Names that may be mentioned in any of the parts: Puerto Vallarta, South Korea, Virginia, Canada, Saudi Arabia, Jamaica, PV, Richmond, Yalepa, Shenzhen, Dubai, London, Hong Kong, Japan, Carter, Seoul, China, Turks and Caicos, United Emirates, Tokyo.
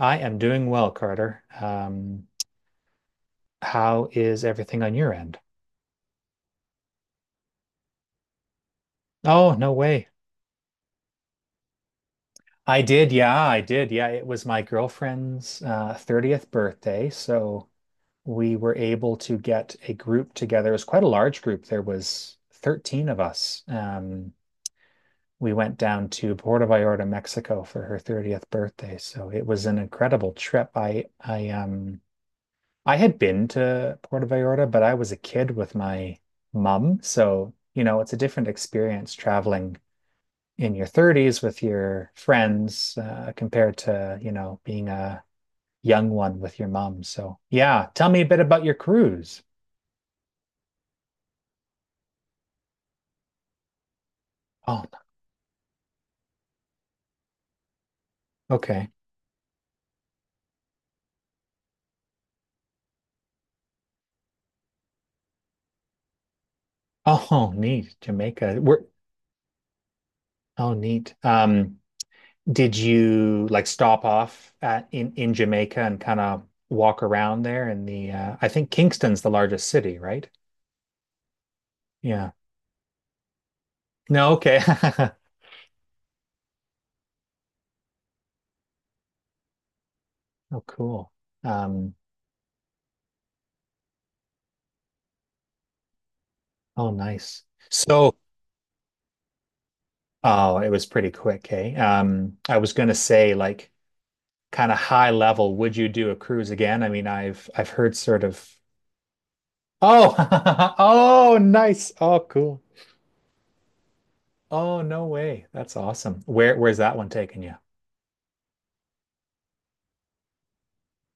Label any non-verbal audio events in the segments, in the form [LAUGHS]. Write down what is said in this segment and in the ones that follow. I am doing well, Carter. How is everything on your end? Oh, no way. I did. Yeah, I did. Yeah, it was my girlfriend's 30th birthday. So we were able to get a group together. It was quite a large group. There was 13 of us. We went down to Puerto Vallarta, Mexico for her 30th birthday. So it was an incredible trip. I I had been to Puerto Vallarta, but I was a kid with my mum. So, you know, it's a different experience traveling in your 30s with your friends compared to, you know, being a young one with your mum. So, yeah, tell me a bit about your cruise. Oh, okay. Oh, neat. Jamaica. Oh, neat. Did you like stop off at in Jamaica and kind of walk around there in the I think Kingston's the largest city, right? Yeah. No, okay. [LAUGHS] Oh, cool. Um, oh, nice. So, oh, it was pretty quick, hey. I was gonna say, like, kind of high level, would you do a cruise again? I mean, I've heard sort of. Oh, [LAUGHS] oh, nice. Oh, cool. Oh, no way. That's awesome. Where's that one taking you? [LAUGHS]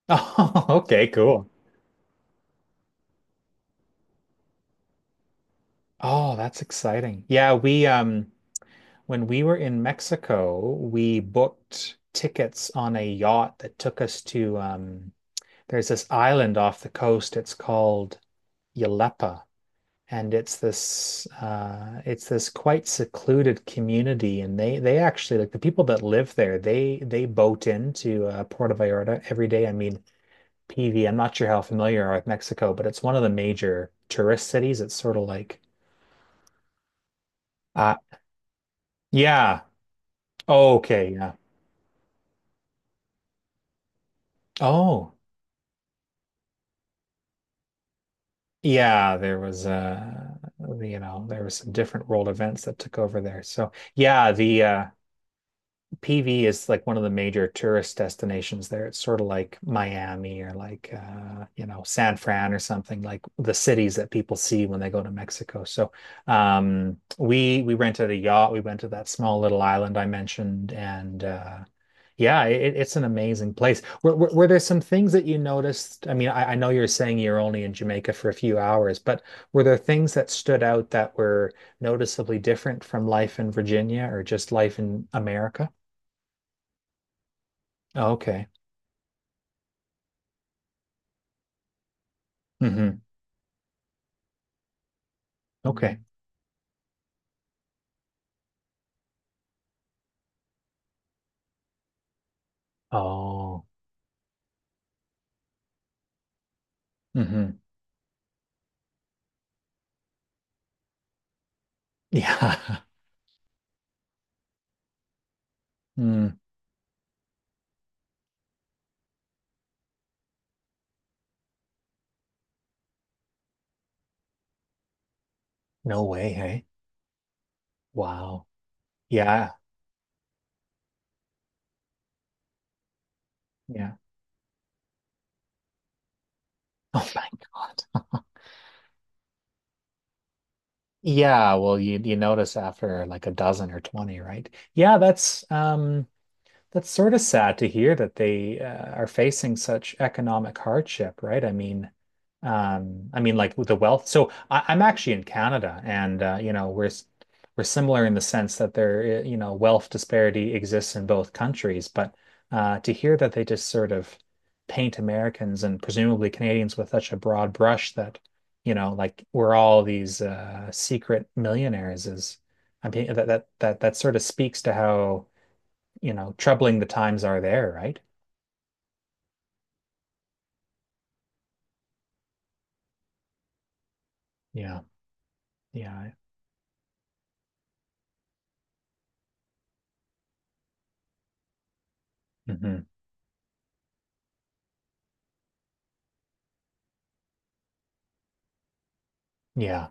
Oh, okay, cool. Oh, that's exciting. Yeah, we when we were in Mexico, we booked tickets on a yacht that took us to there's this island off the coast. It's called Yalepa, and it's this quite secluded community. And they actually like the people that live there. They boat into Puerto Vallarta every day. I mean, PV. I'm not sure how familiar you are with Mexico, but it's one of the major tourist cities. It's sort of like uh, yeah. Oh, okay, yeah. Oh, yeah. There was you know, there was some different world events that took over there. So yeah, the PV is like one of the major tourist destinations there. It's sort of like Miami or like you know, San Fran or something, like the cities that people see when they go to Mexico. So we rented a yacht. We went to that small little island I mentioned and yeah, it's an amazing place. Were there some things that you noticed? I mean, I know you're saying you're only in Jamaica for a few hours, but were there things that stood out that were noticeably different from life in Virginia or just life in America? Oh, okay. Hmm. Okay. Oh. Hmm. Yeah. [LAUGHS] Mm. No way, hey? Wow. Yeah. Yeah. Oh my God. Yeah, well, you notice after like a dozen or 20, right? Yeah, that's sort of sad to hear that they are facing such economic hardship, right? I mean, like with the wealth. So I'm actually in Canada, and you know, we're similar in the sense that there, you know, wealth disparity exists in both countries. But to hear that they just sort of paint Americans and presumably Canadians with such a broad brush that, you know, like we're all these secret millionaires is, I mean, that sort of speaks to how, you know, troubling the times are there, right? Yeah. Yeah. Hmm. Yeah.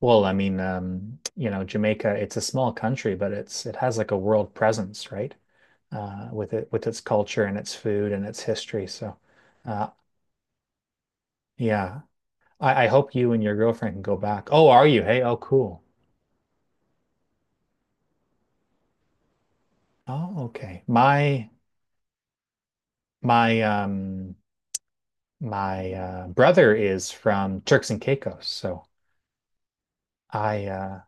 Well, I mean, you know, Jamaica, it's a small country, but it's it has like a world presence, right? With it with its culture and its food and its history. So, uh, yeah. I hope you and your girlfriend can go back. Oh, are you? Hey, oh, cool. Oh, okay. My um my brother is from Turks and Caicos, so I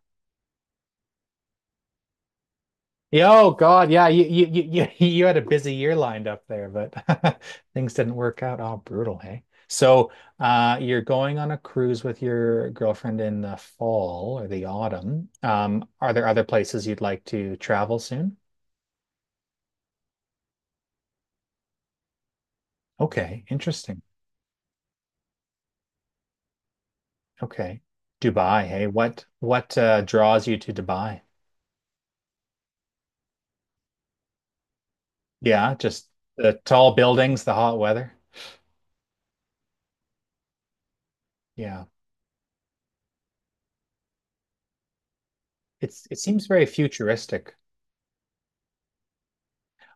yeah, oh God, yeah, you [LAUGHS] you had a busy year lined up there, but [LAUGHS] things didn't work out. Oh, brutal, hey. So, you're going on a cruise with your girlfriend in the fall or the autumn. Are there other places you'd like to travel soon? Okay, interesting. Okay. Dubai, hey, what draws you to Dubai? Yeah, just the tall buildings, the hot weather. Yeah. It's it seems very futuristic.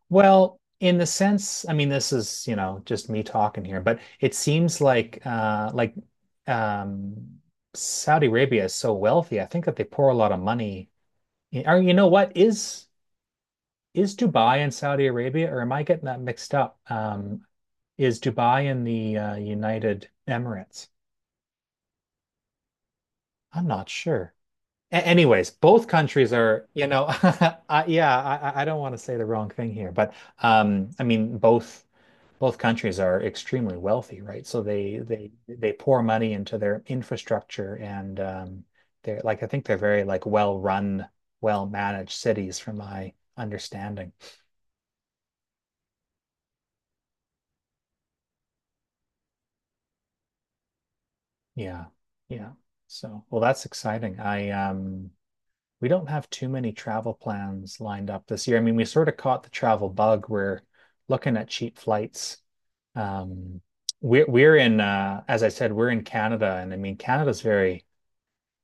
Well, in the sense, I mean, this is, you know, just me talking here, but it seems like um Saudi Arabia is so wealthy. I think that they pour a lot of money in, or you know what, is Dubai and Saudi Arabia, or am I getting that mixed up? Is Dubai in the United Emirates? I'm not sure. Anyways, both countries are, you know, [LAUGHS] yeah, I don't want to say the wrong thing here, but I mean, both. Both countries are extremely wealthy, right? So they pour money into their infrastructure and they're like I think they're very like well run, well managed cities from my understanding. Yeah. Yeah. So, well, that's exciting. I we don't have too many travel plans lined up this year. I mean, we sort of caught the travel bug. We're looking at cheap flights. Um we're in as I said, we're in Canada, and I mean Canada's very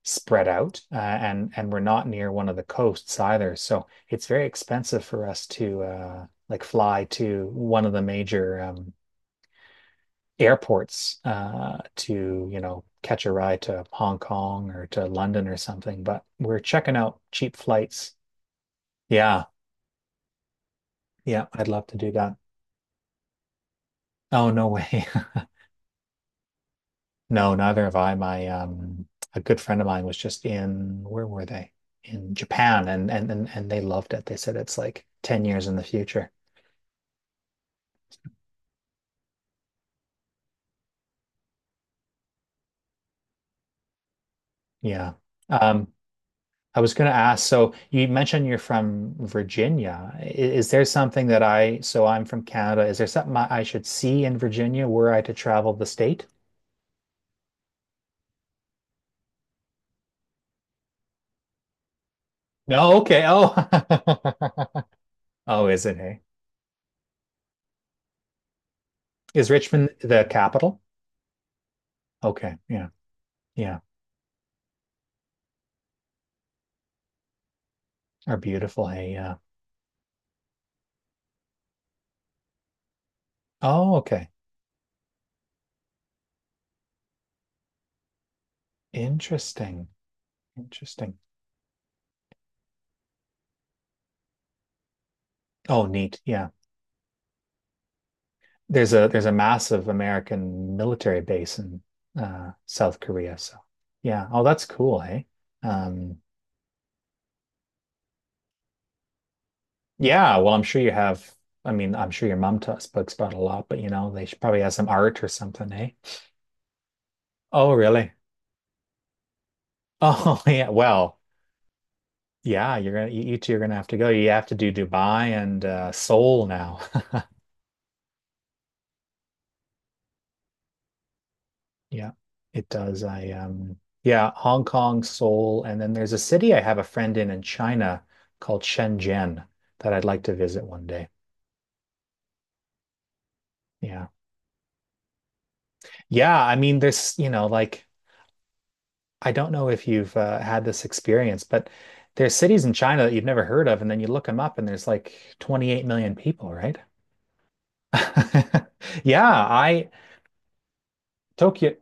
spread out, and we're not near one of the coasts either. So it's very expensive for us to like fly to one of the major airports to, you know, catch a ride to Hong Kong or to London or something. But we're checking out cheap flights. Yeah, yeah, I'd love to do that. Oh, no way. [LAUGHS] No, neither have I. My a good friend of mine was just in, where were they? In Japan, and they loved it. They said it's like 10 years in the future. Yeah. Um, I was going to ask, so you mentioned you're from Virginia. There something that so I'm from Canada, is there something I should see in Virginia were I to travel the state? No, okay. Oh. [LAUGHS] Oh, is it, hey? Is Richmond the capital? Okay. Yeah. Yeah. Are beautiful, hey. Yeah. Oh, okay. Interesting. Interesting. Oh, neat. Yeah. There's a massive American military base in South Korea. So yeah, oh that's cool, hey. Um, yeah, well I'm sure you have. I mean, I'm sure your mom t speaks about a lot, but you know they should probably have some art or something, eh? Oh really? Oh [LAUGHS] yeah. Well, yeah. You two are gonna have to go. You have to do Dubai and Seoul now. [LAUGHS] Yeah, it does. I yeah, Hong Kong, Seoul, and then there's a city I have a friend in China called Shenzhen that I'd like to visit one day. Yeah. Yeah, I mean there's, you know, like I don't know if you've had this experience, but there's cities in China that you've never heard of and then you look them up and there's like 28 million people, right? [LAUGHS] Yeah, I Tokyo,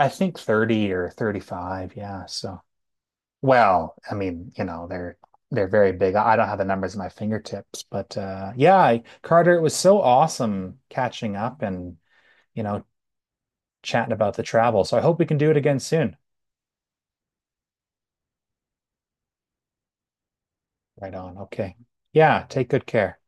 I think 30 or 35. Yeah, so, well, I mean, you know, they're very big. I don't have the numbers at my fingertips, but yeah, I, Carter, it was so awesome catching up and, you know, chatting about the travel. So I hope we can do it again soon. Right on. Okay. Yeah, take good care.